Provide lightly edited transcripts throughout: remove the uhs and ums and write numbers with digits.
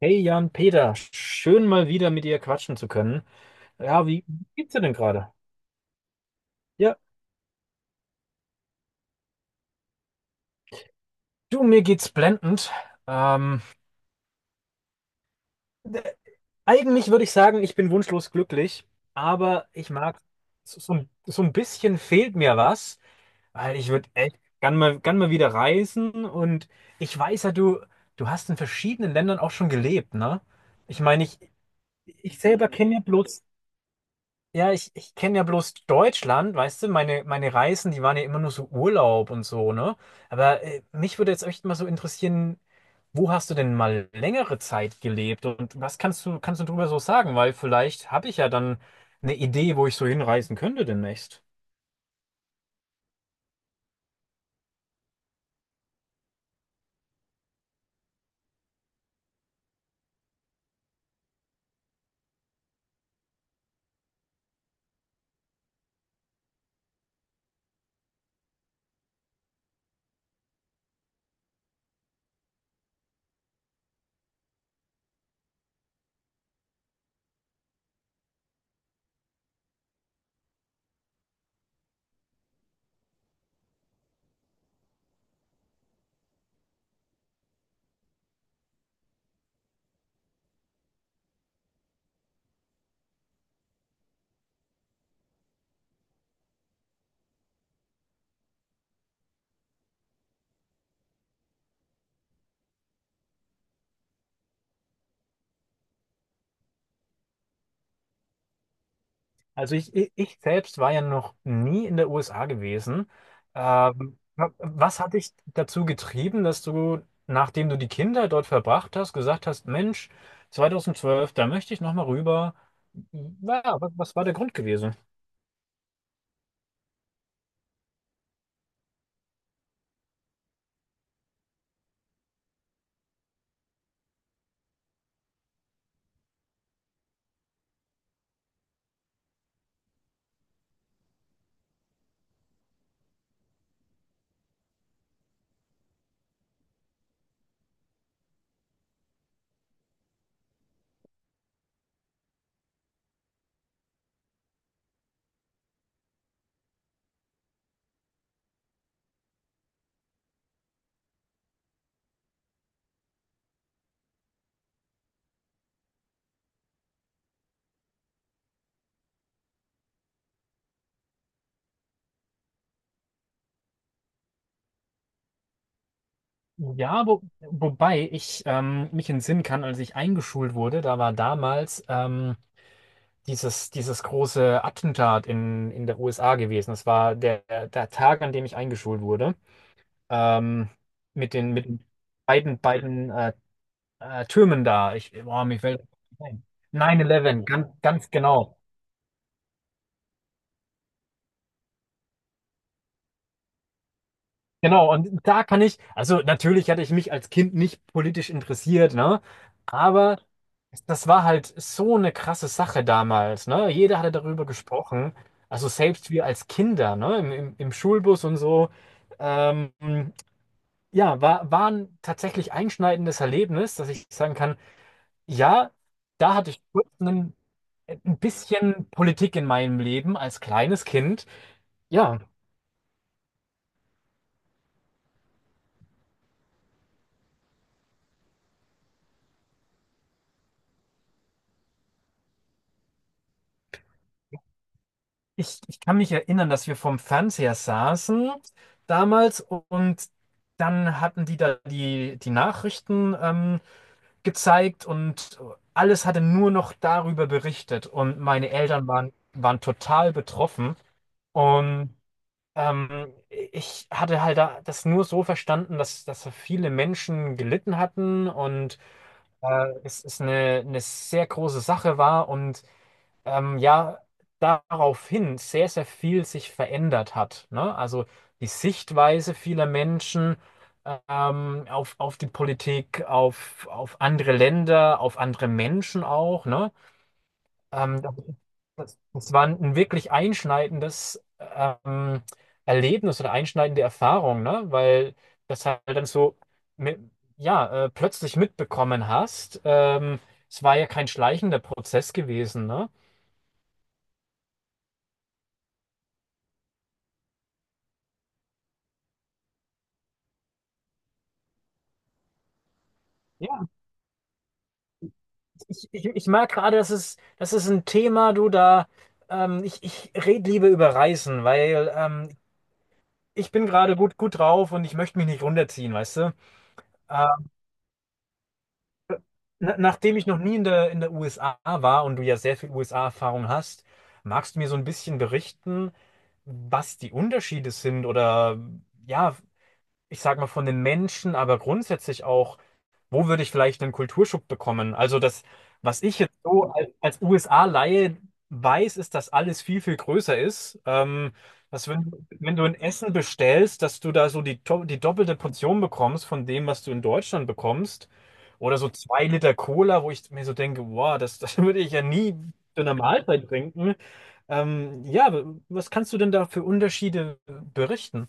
Hey Jan Peter, schön mal wieder mit dir quatschen zu können. Ja, wie geht's dir denn gerade? Ja, du, mir geht's blendend. Ähm, d- Eigentlich würde ich sagen, ich bin wunschlos glücklich, aber ich mag, so ein bisschen fehlt mir was, weil ich würde echt gern mal wieder reisen und ich weiß ja, du hast in verschiedenen Ländern auch schon gelebt, ne? Ich meine, ich selber kenne ja bloß. Ja, ich kenne ja bloß Deutschland, weißt du, meine Reisen, die waren ja immer nur so Urlaub und so, ne? Aber mich würde jetzt echt mal so interessieren, wo hast du denn mal längere Zeit gelebt und was kannst kannst du drüber so sagen? Weil vielleicht habe ich ja dann eine Idee, wo ich so hinreisen könnte demnächst. Also ich selbst war ja noch nie in der USA gewesen. Was hat dich dazu getrieben, dass du, nachdem du die Kinder dort verbracht hast, gesagt hast, Mensch, 2012, da möchte ich nochmal rüber. Ja, was war der Grund gewesen? Ja, wobei ich mich entsinnen kann, als ich eingeschult wurde, da war damals dieses große Attentat in der USA gewesen. Das war der Tag, an dem ich eingeschult wurde. ähm, mit mit den beiden Türmen da. Ich, boah, mir fällt 9-11, ganz, ganz genau. Genau, und da kann ich, also natürlich hatte ich mich als Kind nicht politisch interessiert, ne? Aber das war halt so eine krasse Sache damals, ne? Jeder hatte darüber gesprochen. Also selbst wir als Kinder, ne? Im Schulbus und so. Ähm, ja, war ein tatsächlich einschneidendes Erlebnis, dass ich sagen kann, ja, da hatte ich kurz einen, ein bisschen Politik in meinem Leben als kleines Kind. Ja, ich kann mich erinnern, dass wir vorm Fernseher saßen damals und dann hatten die da die Nachrichten gezeigt und alles hatte nur noch darüber berichtet und meine Eltern waren total betroffen und ich hatte halt da das nur so verstanden, dass so viele Menschen gelitten hatten und es ist eine sehr große Sache war und ja, daraufhin sehr, sehr viel sich verändert hat. Ne? Also die Sichtweise vieler Menschen auf die Politik, auf andere Länder, auf andere Menschen auch. Ne? Ähm, Das war ein wirklich einschneidendes Erlebnis oder einschneidende Erfahrung, ne? Weil das halt dann so mit, ja, plötzlich mitbekommen hast. Es war ja kein schleichender Prozess gewesen, ne? Ja, ich merke gerade, das ist ein Thema, du da, ich rede lieber über Reisen, weil ich bin gerade gut drauf und ich möchte mich nicht runterziehen, weißt du? Na, nachdem ich noch nie in der USA war und du ja sehr viel USA-Erfahrung hast, magst du mir so ein bisschen berichten, was die Unterschiede sind oder ja, ich sag mal von den Menschen, aber grundsätzlich auch wo würde ich vielleicht einen Kulturschock bekommen? Also das, was ich jetzt so als, als USA-Laie weiß, ist, dass alles viel, viel größer ist. Dass wenn, Wenn du ein Essen bestellst, dass du da so die doppelte Portion bekommst von dem, was du in Deutschland bekommst. Oder so zwei Liter Cola, wo ich mir so denke, wow, das würde ich ja nie zu einer Mahlzeit trinken. Ja, was kannst du denn da für Unterschiede berichten?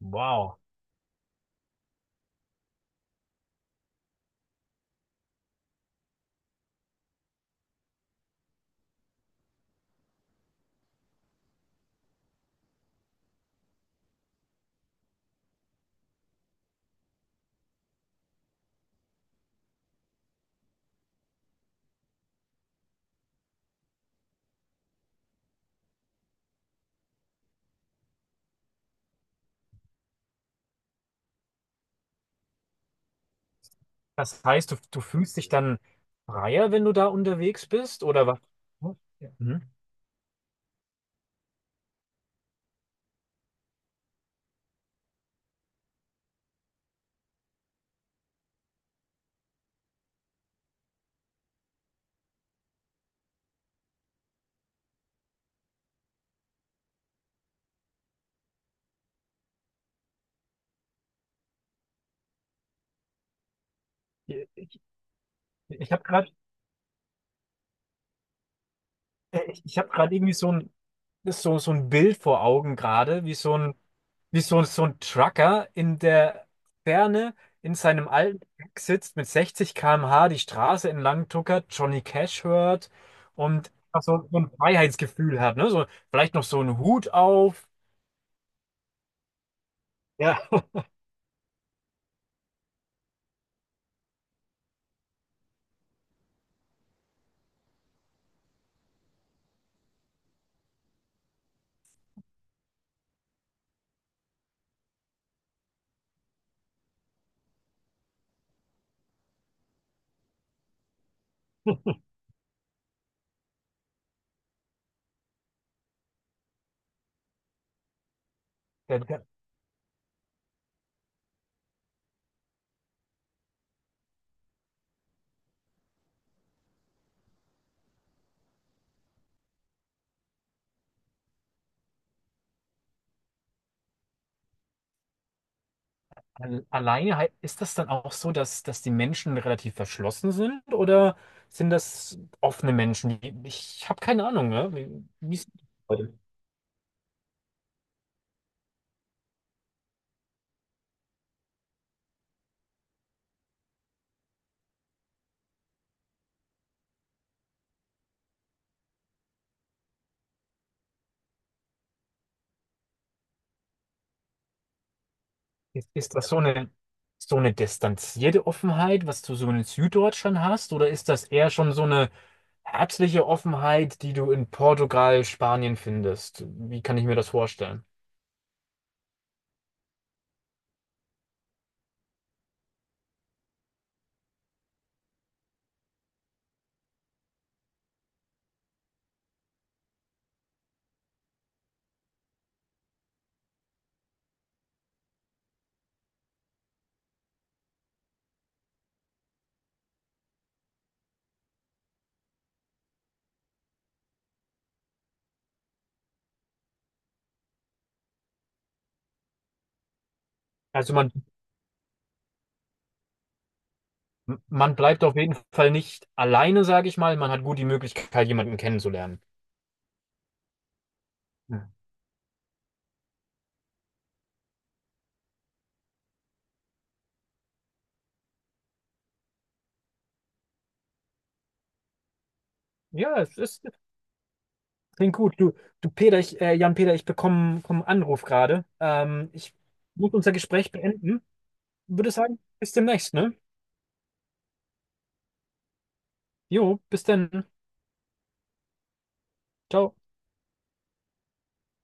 Wow. Das heißt, du fühlst dich dann freier, wenn du da unterwegs bist, oder was? Mhm. Ich, ich habe gerade, Ich habe gerade irgendwie so ein, so ein Bild vor Augen gerade, wie so ein, wie so ein Trucker in der Ferne in seinem alten Truck sitzt mit 60 km/h die Straße entlang tuckert, Johnny Cash hört und einfach so, so ein Freiheitsgefühl hat, ne? So, vielleicht noch so einen Hut auf. Ja. Der, der, Alleine ist das dann auch so, dass, dass die Menschen relativ verschlossen sind oder sind das offene Menschen? Die- Ich habe keine Ahnung, ne? Wie ist, ist, ist das so eine distanzierte Offenheit, was du so in Süddeutschland hast, oder ist das eher schon so eine herzliche Offenheit, die du in Portugal, Spanien findest? Wie kann ich mir das vorstellen? Also man bleibt auf jeden Fall nicht alleine, sage ich mal. Man hat gut die Möglichkeit, jemanden kennenzulernen. Ja, es ist. Klingt gut. Jan Peter, ich bekomme einen Anruf gerade. Ich muss unser Gespräch beenden. Würde sagen, bis demnächst, ne? Jo, bis dann. Ciao.